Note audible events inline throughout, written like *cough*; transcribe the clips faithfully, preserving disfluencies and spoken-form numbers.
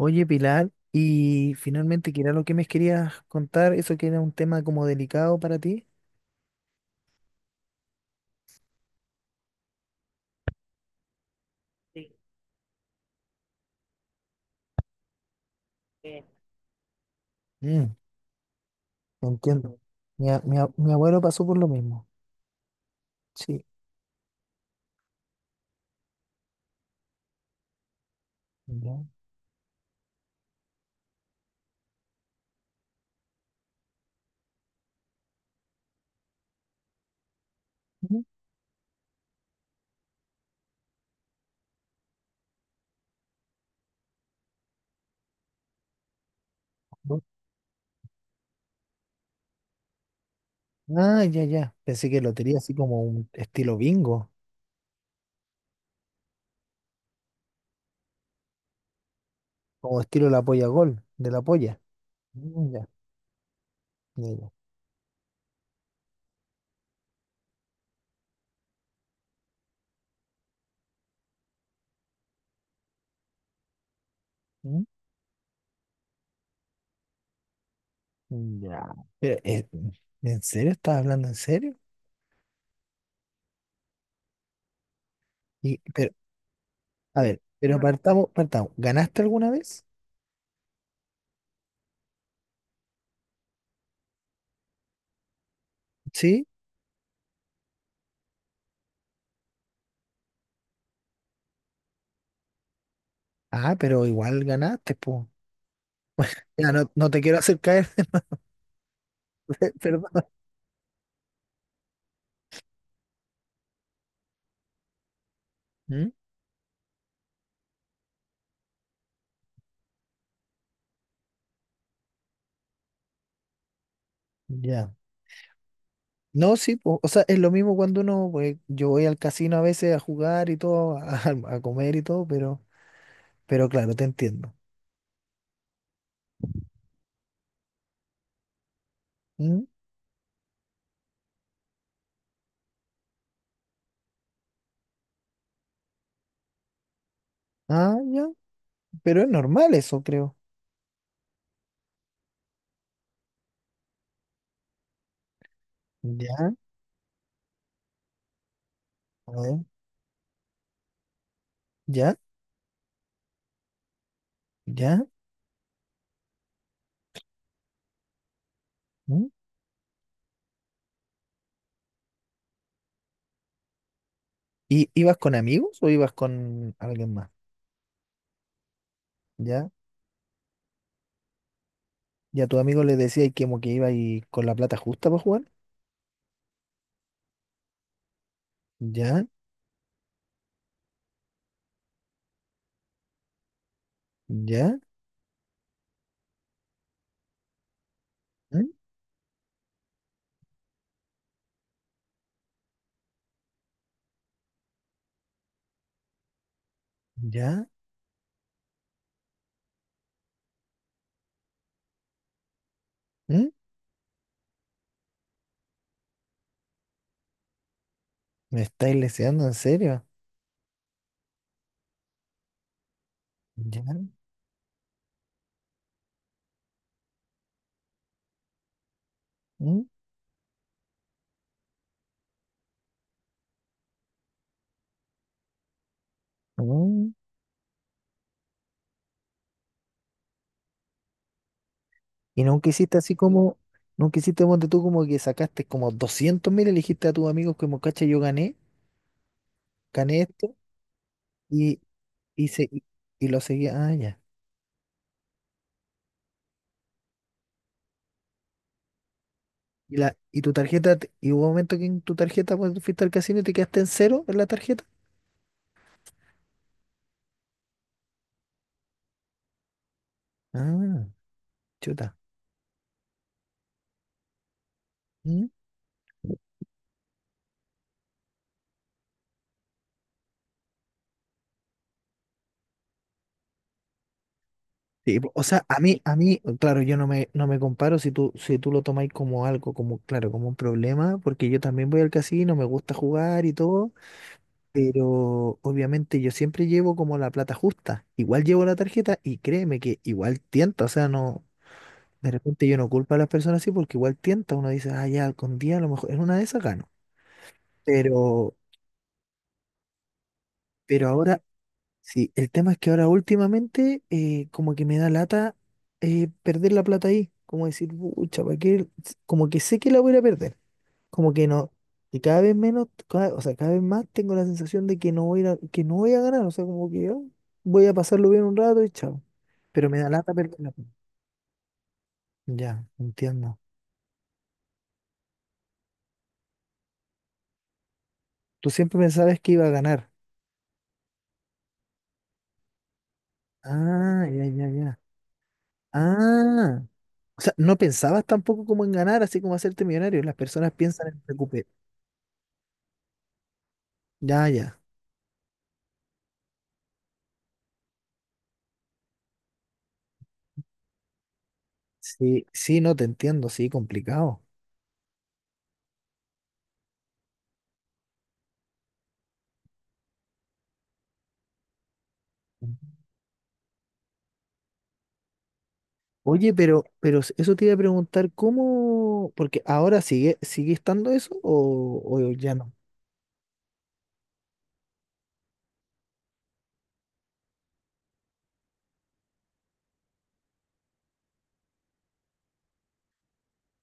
Oye, Pilar, y finalmente, ¿qué era lo que me querías contar? Eso que era un tema como delicado para ti. Sí, eh, mm, te entiendo. Mi, a- mi a- mi abuelo pasó por lo mismo. Sí. Ya. Mm, bu- ah, ya, ya. Pensé que lotería así como un estilo bingo, como estilo la polla gol, de la polla. Mm, ya, ya, ya. Mm, ya. Pero, eh, ¿en serio? ¿Estás hablando en serio? Y, pero, a ver, pero partamos, partamos. ¿Ganaste alguna vez? Sí. Ah, pero igual ganaste, po. Ya, no, no te quiero hacer caer, *laughs* perdón. ¿Mm? Ya. No, sí, po. O sea, es lo mismo cuando uno, pues, yo voy al casino a veces a jugar y todo, a, *laughs* a comer y todo, pero, pero claro, te entiendo. ¿Mm? Ah, ya. Pero es normal eso, creo. Ya, a ver, ya, ya. ¿Mm? ¿Y ibas con amigos o ibas con alguien más? Ya. ¿Ya tu amigo le decías que como que iba y con la plata justa para jugar? Ya, ya, ¿mm? Ya. ¿Mm? ¿Me estáis leseando en serio? ¿Ya? ¿Mm? Mm. ¿Y nunca hiciste así como, nunca hiciste ponte tú como que sacaste como doscientos mil, elegiste a tus amigos como, cacha, yo gané, gané esto y, y, se, y, y lo seguía, ah, ya. Y, la, y tu tarjeta, te- y hubo un momento que en tu tarjeta, pues fuiste al casino y te quedaste en cero en la tarjeta. Ah, chuta. ¿Mm? Sí, po, o sea, a mí, a mí, claro, yo no me, no me comparo si tú, si tú lo tomáis como algo, como, claro, como un problema, porque yo también voy al casino, me gusta jugar y todo. Pero obviamente yo siempre llevo como la plata justa. Igual llevo la tarjeta y créeme que igual tienta. O sea, no, de repente yo no culpo a las personas así porque igual tienta. Uno dice, ah, ya, con día a lo mejor en una de esas gano. Pero, pero ahora, sí, el tema es que ahora últimamente eh, como que me da lata eh, perder la plata ahí. Como decir, pucha, ¿para qué? Como que sé que la voy a perder. Como que no, y cada vez menos, cada- o sea, cada vez más tengo la sensación de que no voy a, ir a- que no voy a ganar, o sea, como que "ah, voy a pasarlo bien un rato y chao". Pero me da lata perderla. Ya, entiendo. Tú siempre pensabas que iba a ganar. Ah, ya, ya, ya. Ah, o sea, no pensabas tampoco como en ganar, así como hacerte millonario. Las personas piensan en recuperar. Ya, ya. Sí, sí, no te entiendo, sí, complicado. Oye, pero, pero eso te iba a preguntar, ¿cómo? Porque ahora sigue, sigue estando eso o, o ya no.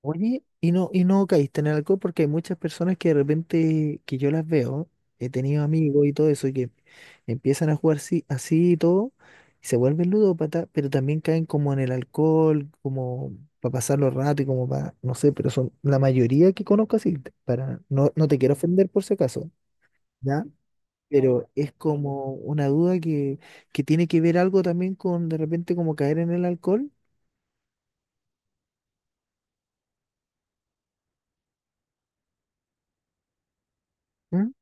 Oye, y no, y no caíste en el alcohol porque hay muchas personas que de repente, que yo las veo, he tenido amigos y todo eso, que empiezan a jugar así, así y todo, y se vuelven ludópatas, pero también caen como en el alcohol, como para pasarlo rato y como para, no sé, pero son la mayoría que conozco así, para, no, no te quiero ofender por si acaso, ¿ya? Pero es como una duda que, que tiene que ver algo también con de repente como caer en el alcohol. ¿Mm?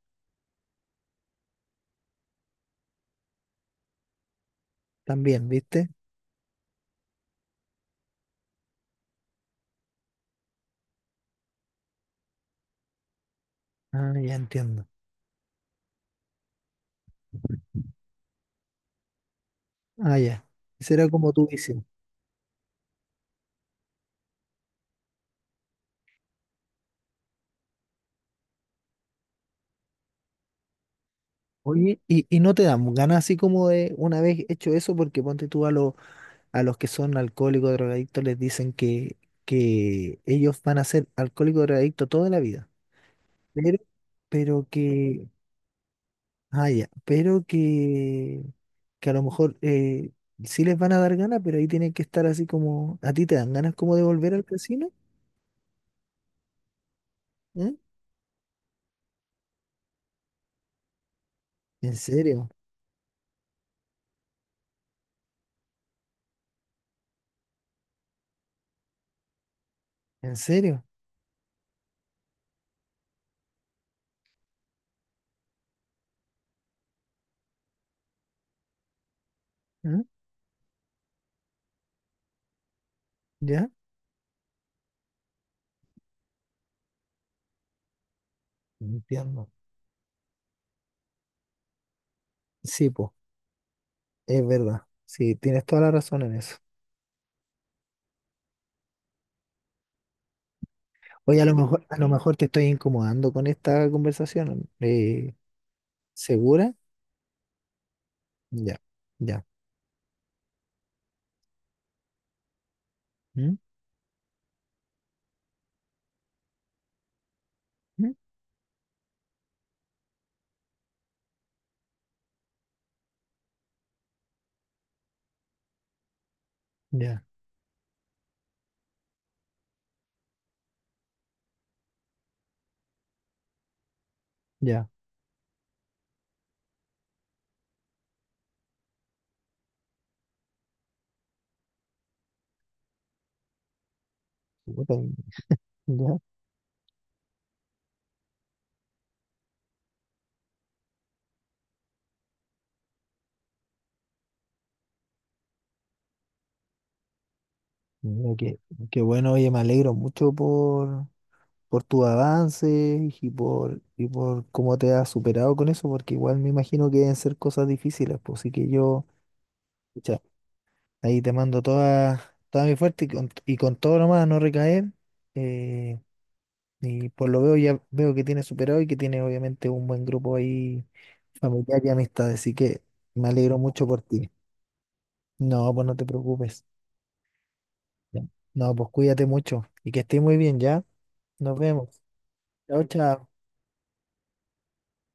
También, ¿viste? Ah, ya entiendo. Ah, ya. Esa era como tu visión. Oye, y, y no te dan ganas así como de una vez hecho eso, porque ponte tú a, los a los que son alcohólicos, drogadictos, les dicen que, que ellos van a ser alcohólicos, drogadictos toda la vida, pero, pero que ah, ya, pero que, que a lo mejor eh, sí les van a dar ganas, pero ahí tienen que estar así como, ¿a ti te dan ganas como de volver al casino? ¿Mm? ¿En serio? ¿En serio? ¿Mm? ¿Ya? Entiendo. Sí, pues, es verdad. Sí, tienes toda la razón en eso. Oye, a lo mejor, a lo mejor te estoy incomodando con esta conversación. Eh, ¿segura? Ya, ya. ¿Mm? ¿Mm? Ya, ya. Puta, ya. Mira, qué, qué bueno, oye, me alegro mucho por por tus avances y por, y por cómo te has superado con eso, porque igual me imagino que deben ser cosas difíciles, pues así que yo, pucha, ahí te mando toda, toda mi fuerza y con, y con todo nomás a no recaer, eh, y por lo veo ya veo que tienes superado y que tiene obviamente un buen grupo ahí familiar y amistad, así que me alegro mucho por ti. No, pues no te preocupes. Ya. No, pues cuídate mucho y que estés muy bien, ¿ya? Nos vemos. Chao, chao.